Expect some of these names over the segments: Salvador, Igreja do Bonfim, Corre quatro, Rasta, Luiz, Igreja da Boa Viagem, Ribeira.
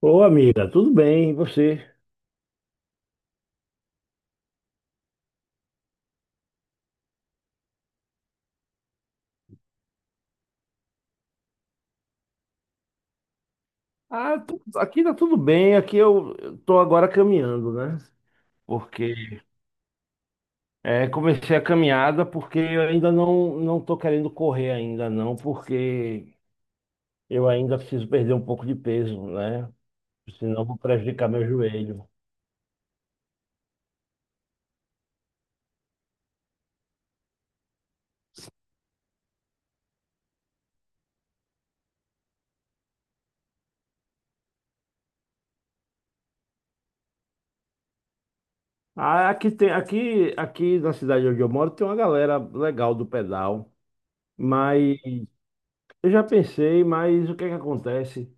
Ô, amiga, tudo bem? E você? Ah, aqui tá tudo bem. Aqui eu tô agora caminhando, né? Porque comecei a caminhada porque eu ainda não tô querendo correr ainda não, porque eu ainda preciso perder um pouco de peso, né? Senão eu vou prejudicar meu joelho. Ah, aqui tem aqui aqui na cidade onde eu moro tem uma galera legal do pedal, mas eu já pensei, mas o que é que acontece?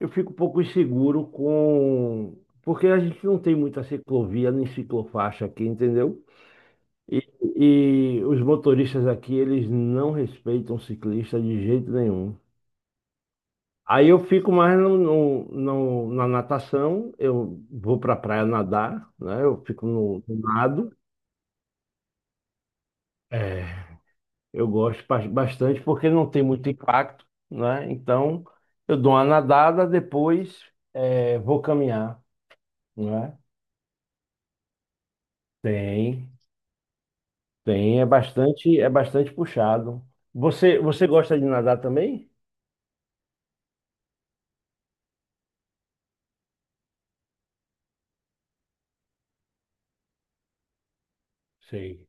Eu fico um pouco inseguro com. Porque a gente não tem muita ciclovia nem ciclofaixa aqui, entendeu? E, e os motoristas aqui, eles não respeitam ciclista de jeito nenhum. Aí eu fico mais na natação, eu vou pra praia nadar, né? Eu fico no nado. É. Eu gosto bastante porque não tem muito impacto, né? Então, eu dou uma nadada, depois vou caminhar, né? Tem, tem, é bastante puxado. Você gosta de nadar também? Sim.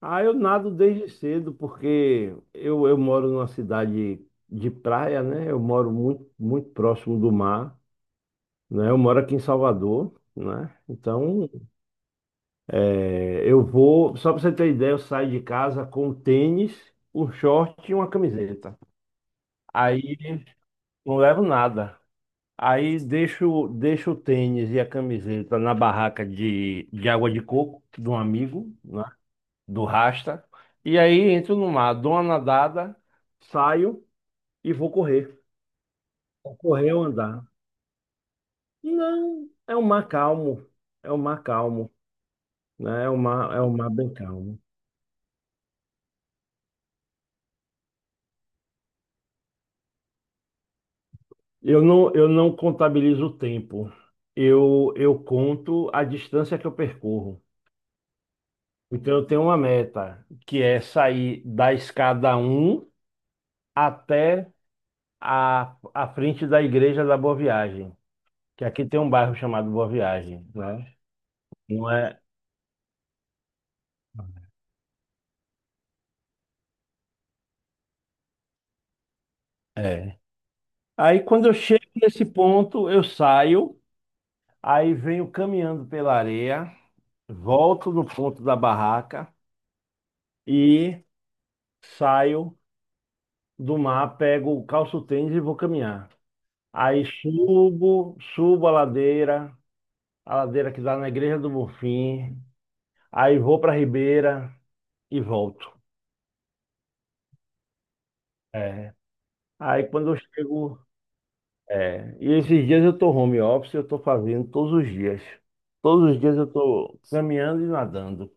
Ah, eu nado desde cedo porque eu moro numa cidade de praia, né? Eu moro muito, muito próximo do mar, né? Eu moro aqui em Salvador, né? Então, é, eu vou, só para você ter ideia, eu saio de casa com um tênis, um short e uma camiseta. Aí não levo nada. Aí deixo o tênis e a camiseta na barraca de água de coco de um amigo, né, do Rasta. E aí entro no mar, dou uma nadada, saio e vou correr. Vou correr ou andar. Não, é um mar calmo. É um mar calmo, né? É um mar bem calmo. Eu não contabilizo o tempo. Eu conto a distância que eu percorro. Então, eu tenho uma meta, que é sair da escada um até a frente da Igreja da Boa Viagem, que aqui tem um bairro chamado Boa Viagem, né? Não é? É. Aí, quando eu chego nesse ponto, eu saio, aí venho caminhando pela areia, volto no ponto da barraca e saio do mar, pego, calço o tênis e vou caminhar. Aí subo a ladeira que dá na Igreja do Bonfim. Aí vou para a Ribeira e volto. É. Aí quando eu chego. É. E esses dias eu estou home office, eu estou fazendo todos os dias. Todos os dias eu estou caminhando e nadando.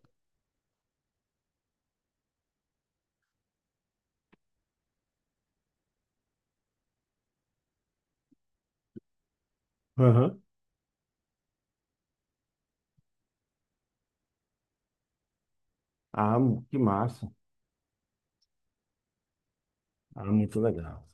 Aham. Ah, que massa. Ah, muito legal.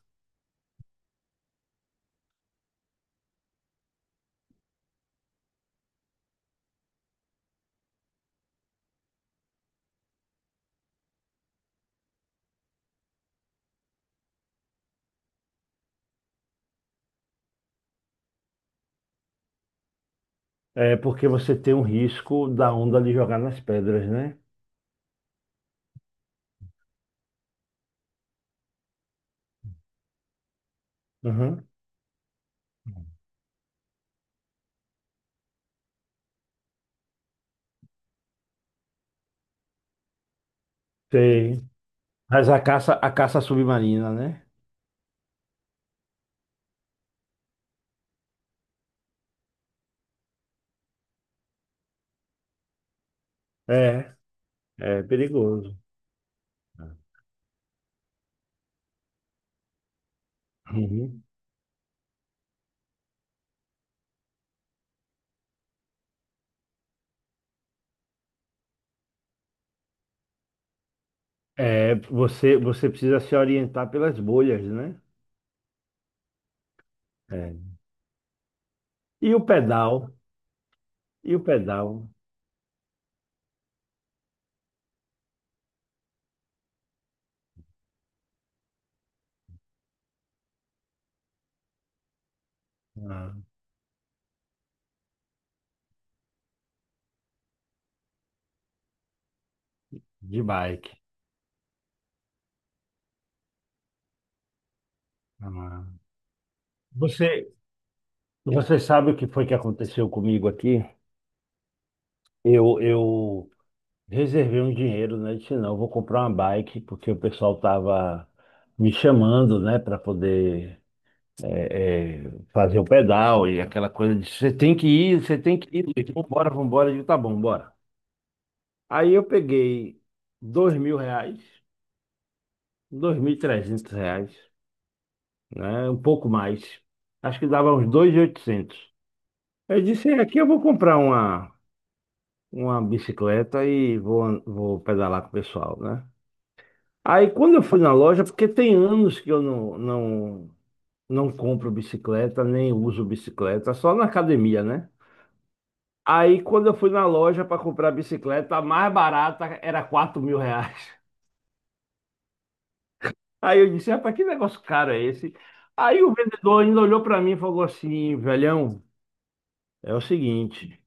É porque você tem um risco da onda de jogar nas pedras, né? Uhum. Sei. Mas a caça submarina, né? É, é perigoso. Uhum. É, você precisa se orientar pelas bolhas, né? É. E o pedal, e o pedal ah, de bike. Ah. Você, você sabe o que foi que aconteceu comigo aqui? Eu reservei um dinheiro, né? Disse, não, eu vou comprar uma bike, porque o pessoal tava me chamando, né, para poder fazer o pedal e aquela coisa de você tem que ir, você tem que ir. Luiz. Vambora, vambora. Eu digo, tá bom, bora. Aí eu peguei R$ 2.000, R$ 2.300, né? Um pouco mais. Acho que dava uns 2.800. Eu disse, é, aqui eu vou comprar uma bicicleta e vou pedalar com o pessoal, né? Aí quando eu fui na loja, porque tem anos que eu não compro bicicleta, nem uso bicicleta, só na academia, né? Aí quando eu fui na loja para comprar a bicicleta, a mais barata era R$ 4.000. Aí eu disse, rapaz, que negócio caro é esse? Aí o vendedor ainda olhou para mim e falou assim: velhão, é o seguinte,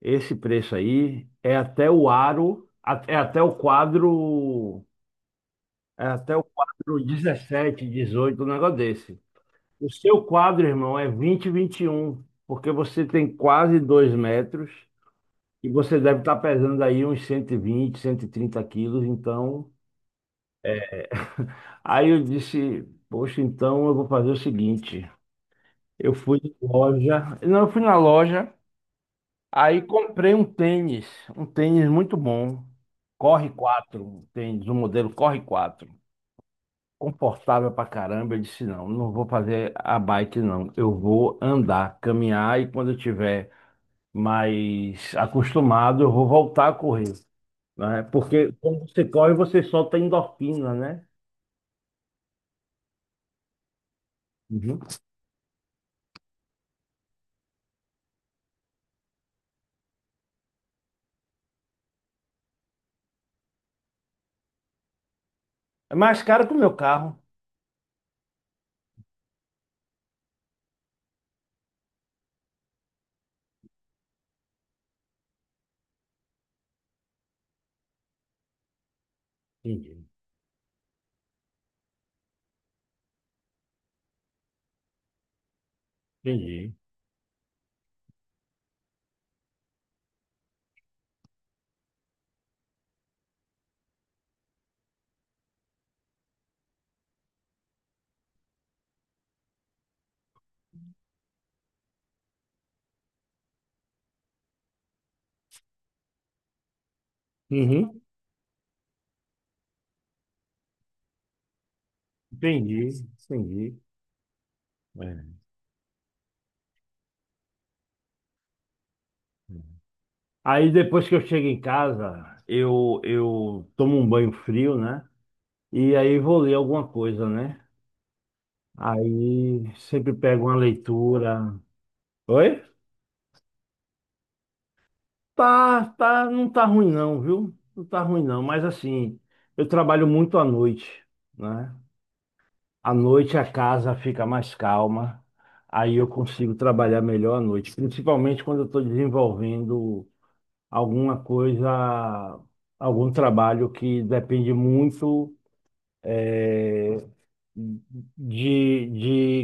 esse preço aí é até o aro, é até o quadro, é até o quadro 17, 18, um negócio desse. O seu quadro, irmão, é 20, 21, porque você tem quase 2 metros. E você deve estar pesando aí uns cento e vinte, 130 quilos, então. Aí eu disse, poxa, então eu vou fazer o seguinte. Eu fui na loja, não, eu fui na loja, aí comprei um tênis muito bom. Corre quatro, um tênis, um modelo Corre quatro, confortável pra caramba. Eu disse, não, não vou fazer a bike, não. Eu vou andar, caminhar e quando eu tiver mais acostumado, eu vou voltar a correr, né? Porque quando você corre, você solta endorfina, né? Uhum. É mais caro que o meu carro. Entendi, entendi. Uhum. Entendi, entendi. É. Aí depois que eu chego em casa, eu tomo um banho frio, né? E aí vou ler alguma coisa, né? Aí sempre pego uma leitura. Oi? Tá, tá, não tá ruim não, viu? Não tá ruim não, mas assim, eu trabalho muito à noite, né? À noite a casa fica mais calma, aí eu consigo trabalhar melhor à noite, principalmente quando eu estou desenvolvendo alguma coisa, algum trabalho que depende muito eh, de,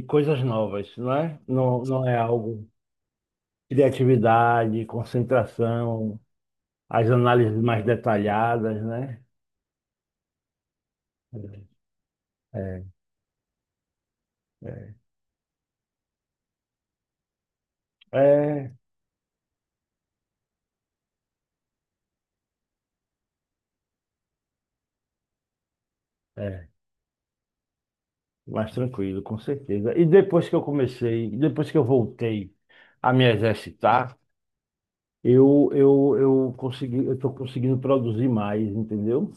de coisas novas, não é? Não, não é algo, criatividade, concentração, as análises mais detalhadas, né? É, é, é, é, mais tranquilo, com certeza. E depois que eu comecei, depois que eu voltei a me exercitar, eu consegui, eu estou conseguindo produzir mais, entendeu?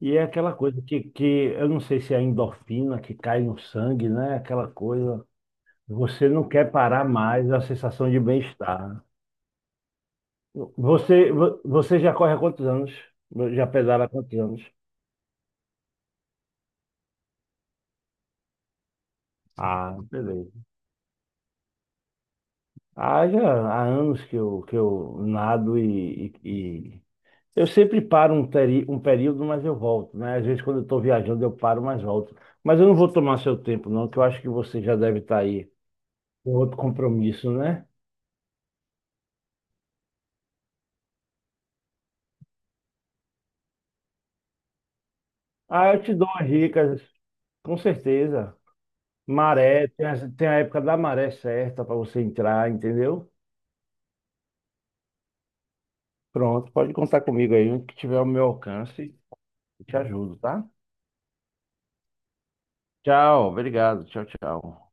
E é aquela coisa que eu não sei se é a endorfina que cai no sangue, né? Aquela coisa, você não quer parar mais, a sensação de bem-estar. Você já corre há quantos anos? Já pedala há quantos anos? Ah, beleza. Ah, já há anos que eu nado e eu sempre paro um período, mas eu volto, né? Às vezes quando eu estou viajando eu paro, mas volto. Mas eu não vou tomar seu tempo, não, que eu acho que você já deve estar aí com outro compromisso, né? Ah, eu te dou as dicas, com certeza. Maré, tem a época da maré certa para você entrar, entendeu? Pronto, pode contar comigo aí, o que tiver ao meu alcance, eu te ajudo, tá? Tchau, obrigado, tchau, tchau.